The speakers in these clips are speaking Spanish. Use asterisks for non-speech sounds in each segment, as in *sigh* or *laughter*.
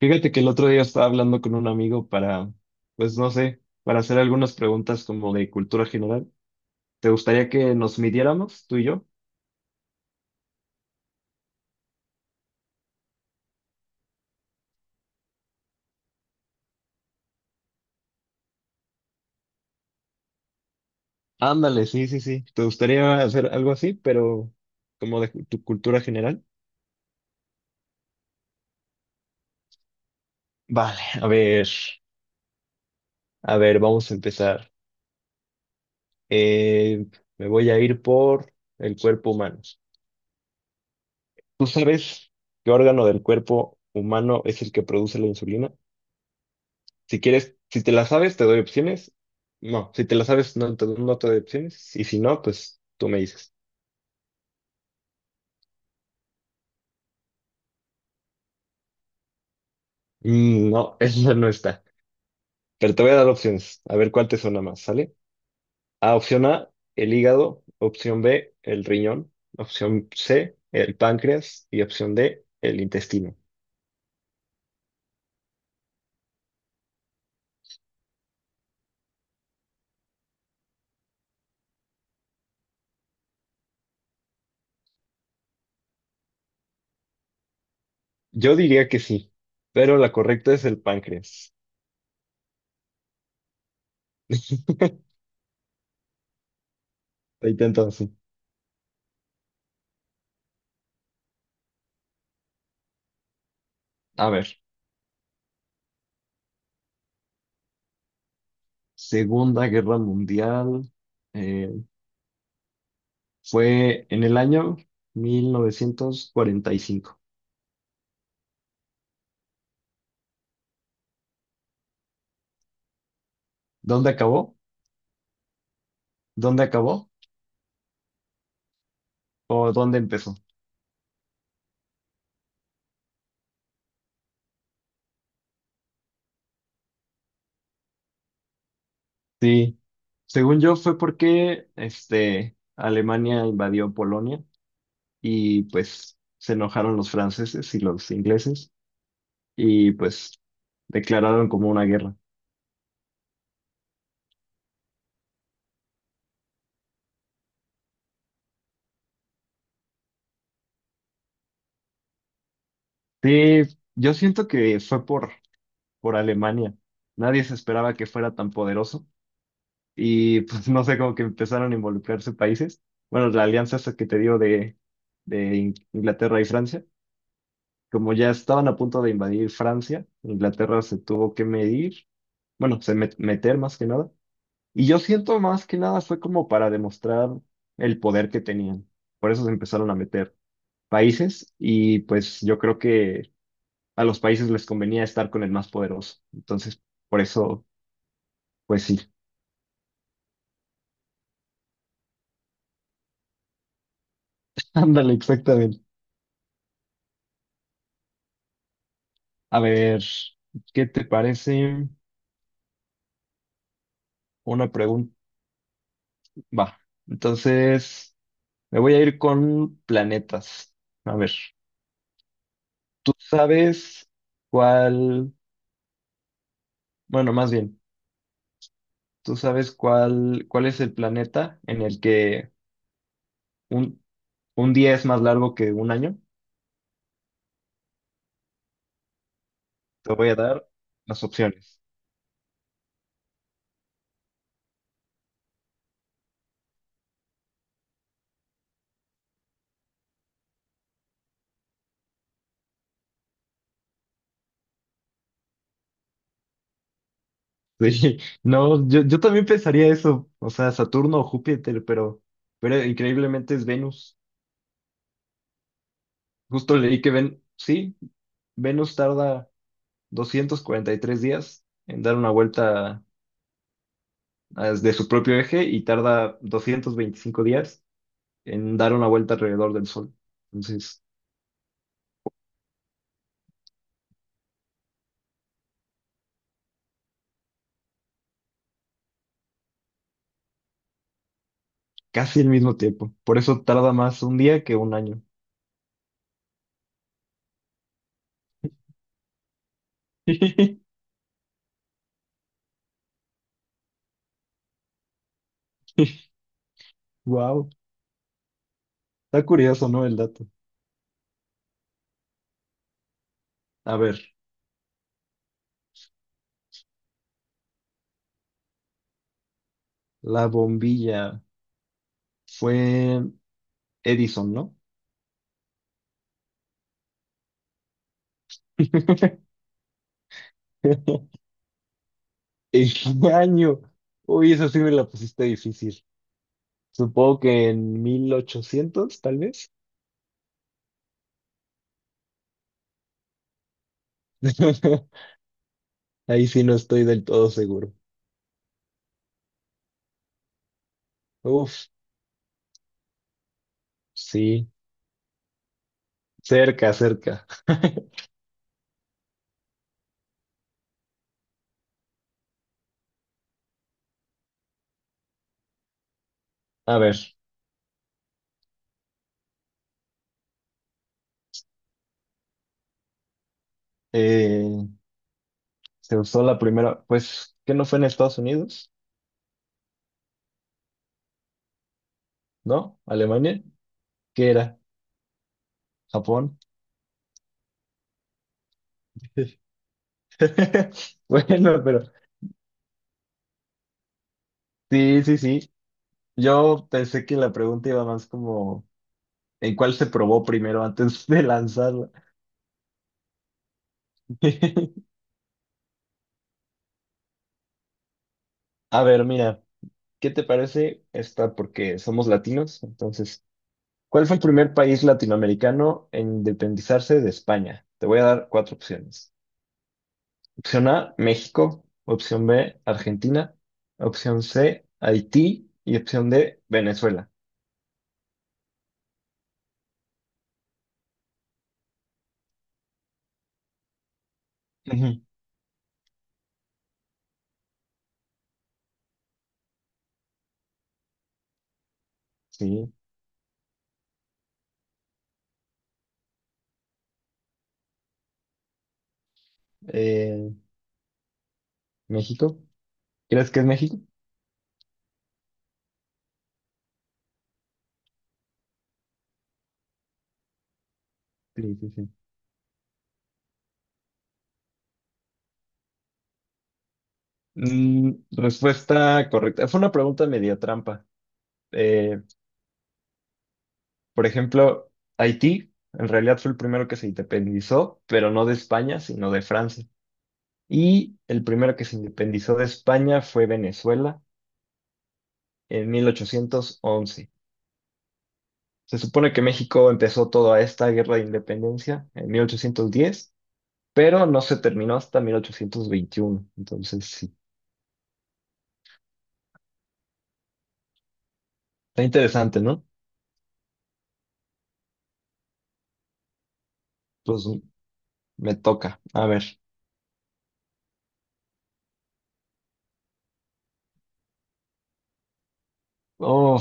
Fíjate que el otro día estaba hablando con un amigo para, pues no sé, para hacer algunas preguntas como de cultura general. ¿Te gustaría que nos midiéramos, tú y yo? Ándale, sí, sí, sí. ¿Te gustaría hacer algo así, pero como de tu cultura general? Vale, a ver, vamos a empezar. Eh, Me voy a ir por el cuerpo humano. ¿Tú sabes qué órgano del cuerpo humano es el que produce la insulina? Si quieres, si te la sabes, te doy opciones. No, si te la sabes, no te doy opciones. Y si no, pues tú me dices. Mm, no, *laughs* esa no está. Pero te voy a dar opciones. A ver cuál te suena más, ¿sale? A, opción A, el hígado. Opción B, el riñón. Opción C, el páncreas. Y opción D, el intestino. Yo diría que sí, pero la correcta es el páncreas. *laughs* Ahí está entonces. A ver, Segunda Guerra Mundial. eh, Fue en el año 1945. ¿Dónde acabó? ¿Dónde acabó? ¿O dónde empezó? Sí, según yo fue porque Alemania invadió Polonia y pues se enojaron los franceses y los ingleses y pues declararon como una guerra. Sí, yo siento que fue por Alemania. Nadie se esperaba que fuera tan poderoso y pues no sé, como que empezaron a involucrarse países. Bueno, la alianza esa que te digo de Inglaterra y Francia, como ya estaban a punto de invadir Francia, Inglaterra se tuvo que medir, bueno, se meter más que nada. Y yo siento más que nada fue como para demostrar el poder que tenían. Por eso se empezaron a meter países y pues yo creo que a los países les convenía estar con el más poderoso. Entonces, por eso, pues sí. *laughs* Ándale, exactamente. A ver, ¿qué te parece una pregunta? Va, entonces me voy a ir con planetas. A ver, ¿tú sabes cuál, bueno, más bien, ¿tú sabes cuál es el planeta en el que un, un día es más largo que un año? Te voy a dar las opciones. Sí, *laughs* no, yo también pensaría eso, o sea, Saturno o Júpiter, pero increíblemente es Venus. Justo leí que sí, Venus tarda 243 días en dar una vuelta, de su propio eje y tarda 225 días en dar una vuelta alrededor del Sol. Entonces, casi el mismo tiempo. Por eso tarda más un día que un año. *laughs* Wow, está curioso, ¿no? El dato. A ver, la bombilla fue Edison, ¿no? *laughs* ¿En qué año? Uy, eso sí me la pusiste difícil. Supongo que en 1800 tal vez. *laughs* Ahí sí no estoy del todo seguro. Uf, sí, cerca, cerca. *laughs* A ver, eh, se usó la primera, pues, ¿qué no fue en Estados Unidos? ¿No? ¿Alemania? ¿Qué era? ¿Japón? *laughs* Bueno, pero sí, sí, sí. Yo pensé que la pregunta iba más como, ¿en cuál se probó primero antes de lanzarla? *laughs* A ver, mira, ¿qué te parece esta? Porque somos latinos, entonces... ¿Cuál fue el primer país latinoamericano en independizarse de España? Te voy a dar cuatro opciones. Opción A, México. Opción B, Argentina. Opción C, Haití. Y opción D, Venezuela. Ujú. Sí. eh, ¿México? ¿Crees que es México? Sí, sí, sí. Mm, respuesta correcta. Fue una pregunta media trampa. Eh, por ejemplo, Haití en realidad fue el primero que se independizó, pero no de España, sino de Francia. Y el primero que se independizó de España fue Venezuela en 1811. Se supone que México empezó toda esta guerra de independencia en 1810, pero no se terminó hasta 1821. Entonces, sí, está interesante, ¿no? Pues me toca. A ver. Oh,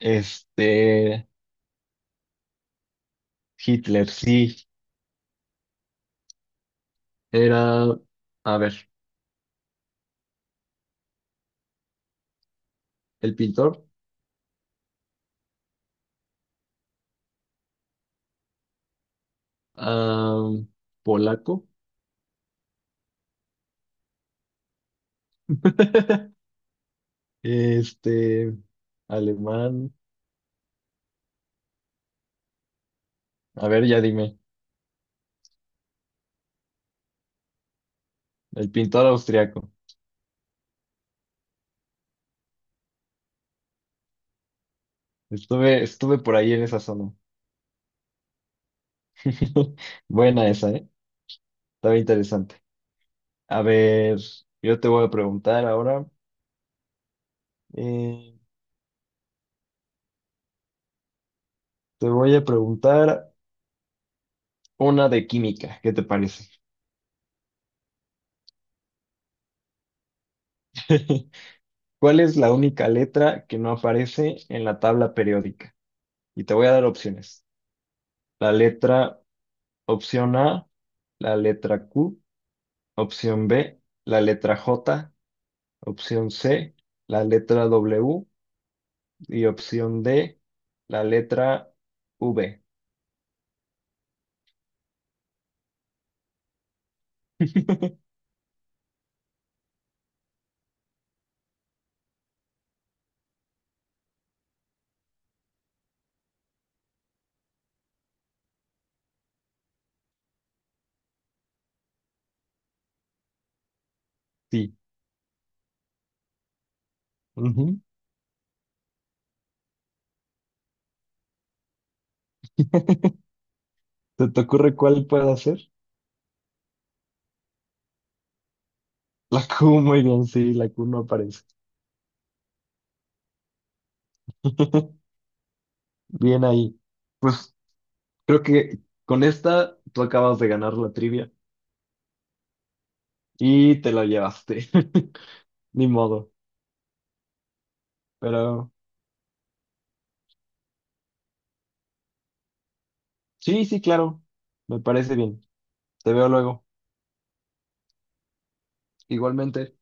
este, Hitler, sí, era, a ver, el pintor, ah, polaco, *laughs* este, alemán. A ver, ya dime. El pintor austriaco. Estuve por ahí en esa zona. *laughs* Buena esa, ¿eh? Estaba interesante. A ver, yo te voy a preguntar ahora. eh, Te voy a preguntar una de química. ¿Qué te parece? *laughs* ¿Cuál es la única letra que no aparece en la tabla periódica? Y te voy a dar opciones. La letra, opción A, la letra Q, opción B, la letra J, opción C, la letra W, y opción D, la letra V. Sí. Ujú. ¿Se te ocurre cuál puede ser? *laughs* La Q, muy bien, sí, la Q no aparece. *laughs* Bien ahí. Pues creo que con esta tú acabas de ganar la trivia y te la llevaste. *laughs* Ni modo. Pero sí, sí, claro. Me parece bien. Te veo luego. Igualmente.